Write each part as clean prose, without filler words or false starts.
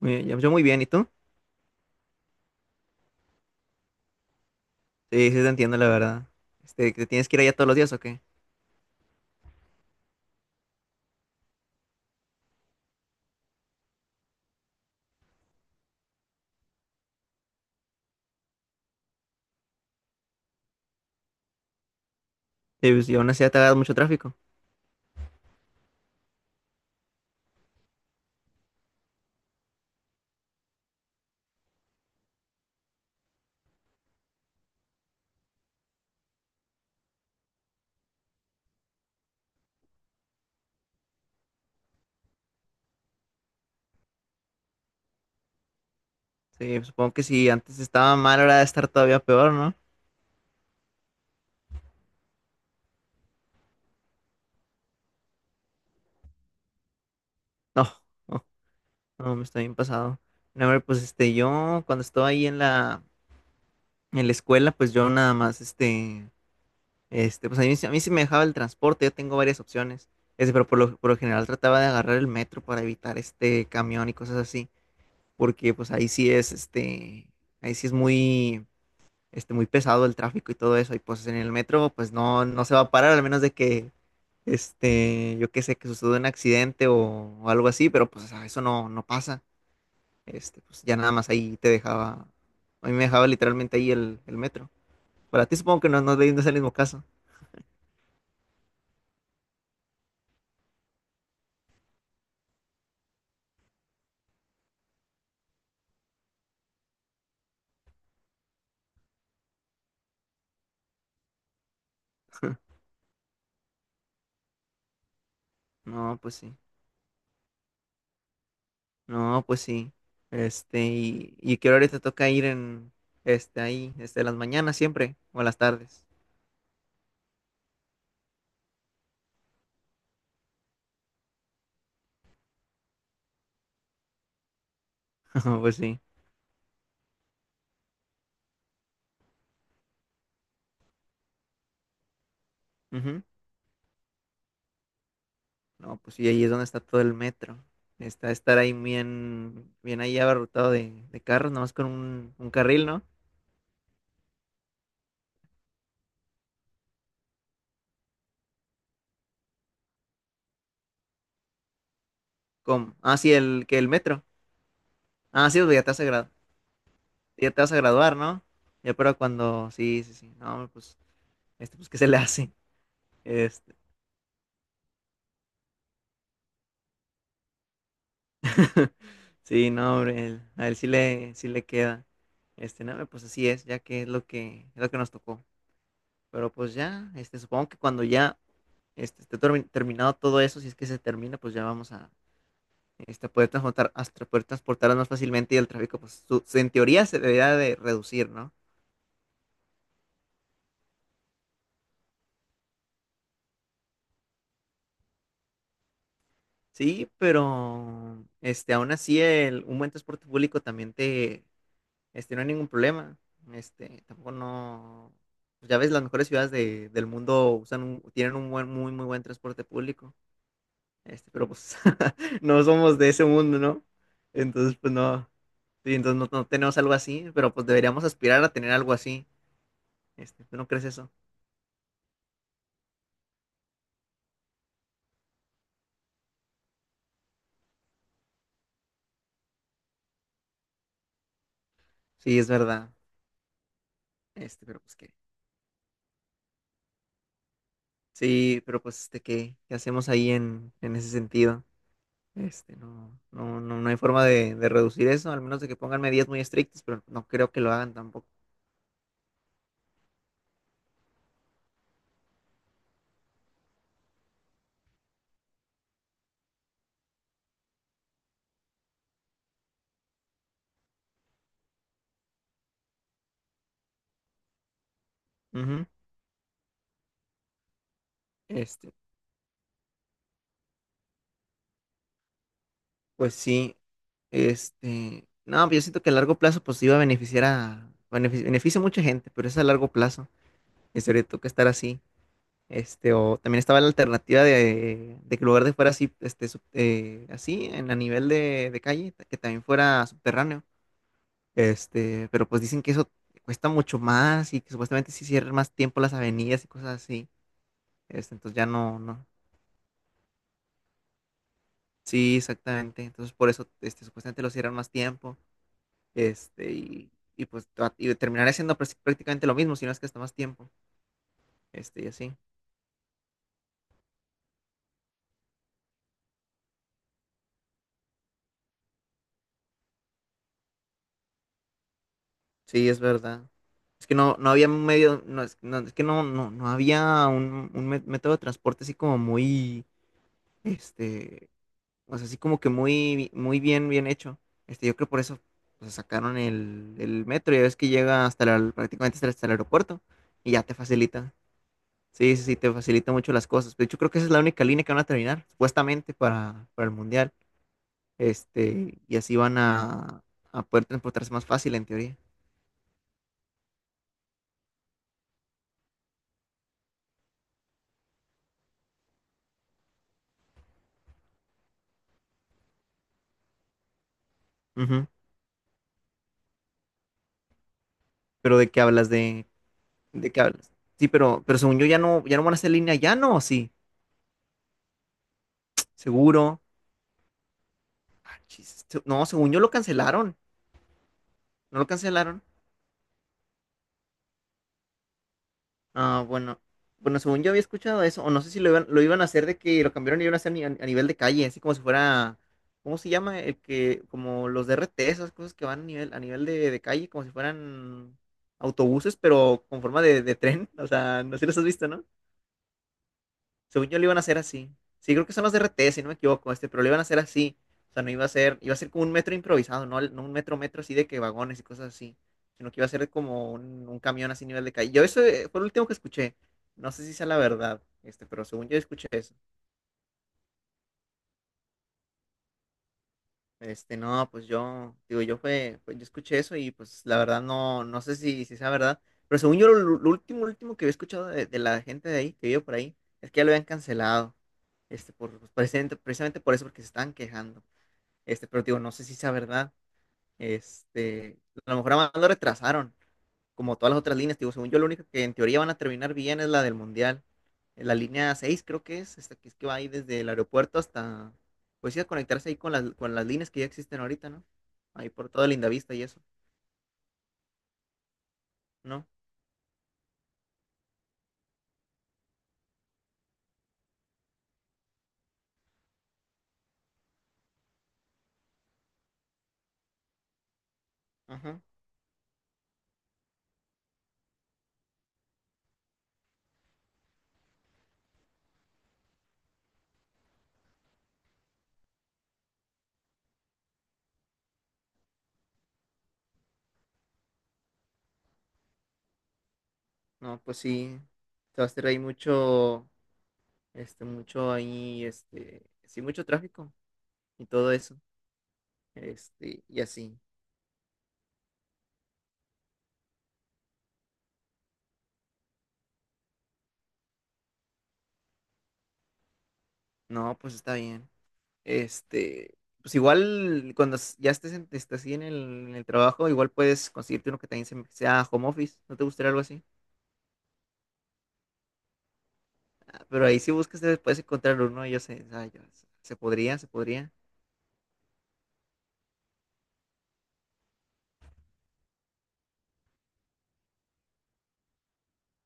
Muy bien, yo muy bien, ¿y tú? Sí, sí te entiendo, la verdad. Este, ¿que tienes que ir allá todos los días o qué? Sí, pues, y aún así ya te hagas mucho tráfico. Sí, pues, supongo que si antes estaba mal, ahora debe estar todavía peor, ¿no? No, no, no, me está bien pasado. No, hombre, pues yo cuando estaba ahí en la escuela, pues yo nada más, pues a mí, a mí sí me dejaba el transporte, yo tengo varias opciones. Ese, pero por lo general trataba de agarrar el metro para evitar este camión y cosas así. Porque pues ahí sí es, ahí sí es muy muy pesado el tráfico y todo eso, y pues en el metro, pues no, no se va a parar, al menos de que, yo qué sé, que suceda un accidente o algo así, pero pues o sea, eso no, no pasa, pues ya nada más ahí te dejaba, a mí me dejaba literalmente ahí el metro. Para ti supongo que no, no, no es el mismo caso. No, pues sí, no, pues sí, y que ahora te toca ir en, ahí, las mañanas siempre, o a las tardes, pues sí. Ujú. No, pues sí, ahí es donde está todo el metro. Está estar ahí bien, bien ahí abarrotado de carros, nomás con un carril, ¿no? Como, ah, sí, el, que el metro. Ah, sí, pues ya te vas a graduar, ya te vas a graduar, ¿no? Ya, pero cuando, sí, sí, sí, no, pues, pues, ¿qué se le hace? Este, sí, no, hombre, a él sí le queda. No, pues así es, ya que es lo que, es lo que nos tocó. Pero pues ya, supongo que cuando ya, esté terminado todo eso, si es que se termina, pues ya vamos a poder transportar, hasta poder transportarlas más fácilmente y el tráfico, pues en teoría se debería de reducir, ¿no? Sí, pero aún así el, un buen transporte público también te, no hay ningún problema. Tampoco no, pues ya ves, las mejores ciudades del mundo usan tienen un buen, muy, muy buen transporte público. Pero pues no somos de ese mundo, ¿no? Entonces, pues no, sí, entonces no, no tenemos algo así, pero pues deberíamos aspirar a tener algo así. ¿Tú no crees eso? Sí, es verdad. Pero pues qué. Sí, pero pues ¿qué, qué hacemos ahí en ese sentido? No, no, no, no hay forma de reducir eso, al menos de que pongan medidas muy estrictas, pero no creo que lo hagan tampoco. Ujú. Este, pues sí, no, pero yo siento que a largo plazo pues iba a beneficiar a, beneficia a mucha gente, pero es a largo plazo, y sobre todo que estar así. O también estaba la alternativa de que el lugar de fuera así, así, en a nivel de calle, que también fuera subterráneo. Pero pues dicen que eso cuesta mucho más y que supuestamente sí cierran más tiempo las avenidas y cosas así. Entonces ya no, no. Sí, exactamente. Entonces por eso, supuestamente lo cierran más tiempo. Y pues y terminaré siendo prácticamente lo mismo, si no es que hasta más tiempo. Y así. Sí, es verdad. Es que no, no había un medio, no, es, no, es que no, no, no había un método de transporte así como muy, este, o sea, así como que muy, muy bien, bien hecho. Yo creo por eso pues, sacaron el metro. Ya ves que llega hasta prácticamente hasta, hasta el aeropuerto y ya te facilita. Sí, sí, sí, te facilita mucho las cosas. De hecho, creo que esa es la única línea que van a terminar, supuestamente, para el mundial. Y así van a poder transportarse más fácil, en teoría. Ujú. Pero ¿de qué hablas? De qué hablas? Sí, pero según yo ya no, ya no van a hacer línea, ya no, ¿o sí? Seguro. Ah, chis, no, según yo lo cancelaron. ¿No lo cancelaron? Ah, bueno. Bueno, según yo había escuchado eso, o no sé si lo iban, lo iban a hacer de que lo cambiaron y iban a hacer a, nivel de calle, así como si fuera, ¿cómo se llama? El que, como los DRT, esas cosas que van a nivel de calle, como si fueran autobuses, pero con forma de tren. O sea, no sé si los has visto, ¿no? Según yo lo iban a hacer así. Sí, creo que son los RT, si no me equivoco, pero lo iban a hacer así. O sea, no iba a ser, iba a ser como un metro improvisado, no, no un metro metro así de que vagones y cosas así, sino que iba a ser como un camión así nivel de calle. Yo eso fue lo último que escuché. No sé si sea la verdad, pero según yo escuché eso. No, pues yo, digo, yo fue, yo escuché eso y pues la verdad no, no sé si, si sea verdad, pero según yo lo último, último que había escuchado de la gente de ahí, que vive por ahí, es que ya lo habían cancelado, por, pues, precisamente, precisamente por eso, porque se estaban quejando, pero digo, no sé si sea verdad, este, a lo mejor nada más lo retrasaron, como todas las otras líneas, digo, según yo, la única que en teoría van a terminar bien es la del Mundial. En la línea 6, creo que es, esta que es que va ahí desde el aeropuerto hasta, pues sí, a conectarse ahí con las líneas que ya existen ahorita, ¿no? Ahí por toda Lindavista y eso, ¿no? Ajá. No, pues sí, se va a hacer ahí mucho, mucho ahí, sí, mucho tráfico y todo eso, y así. No, pues está bien. Pues igual cuando ya estés, estés así en el trabajo, igual puedes conseguirte uno que también sea home office. ¿No te gustaría algo así? Ah, pero ahí si buscas te puedes encontrar uno, y yo sé, ah, se podría, se podría.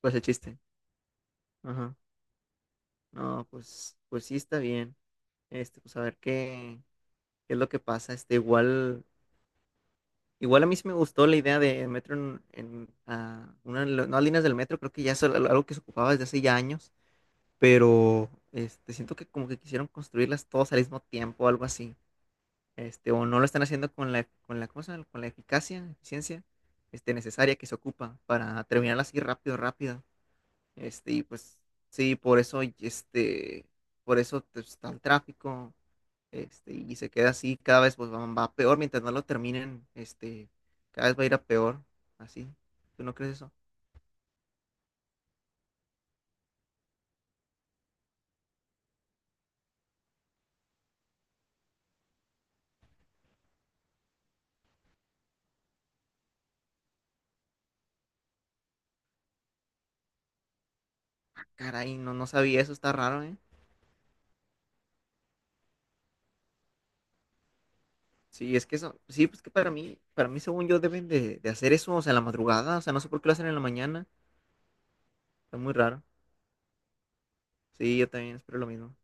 Pues el chiste. Ajá. No, pues, pues sí está bien. Pues a ver qué, qué es lo que pasa. Igual, igual a mí sí me gustó la idea de metro en, ah, una de las nuevas líneas del metro, creo que ya es algo que se ocupaba desde hace ya años, pero siento que como que quisieron construirlas todas al mismo tiempo o algo así. O no lo están haciendo con la cosa, con la eficacia, eficiencia, necesaria que se ocupa para terminarlas así rápido, rápido. Y pues sí, por eso, y por eso pues, está el tráfico, y se queda así, cada vez pues va, va peor mientras no lo terminen, cada vez va a ir a peor, así. ¿Tú no crees eso? Caray, no, no sabía eso, está raro, ¿eh? Sí, es que eso, sí, pues que para mí según yo deben de hacer eso, o sea, en la madrugada, o sea, no sé por qué lo hacen en la mañana, está muy raro. Sí, yo también espero lo mismo.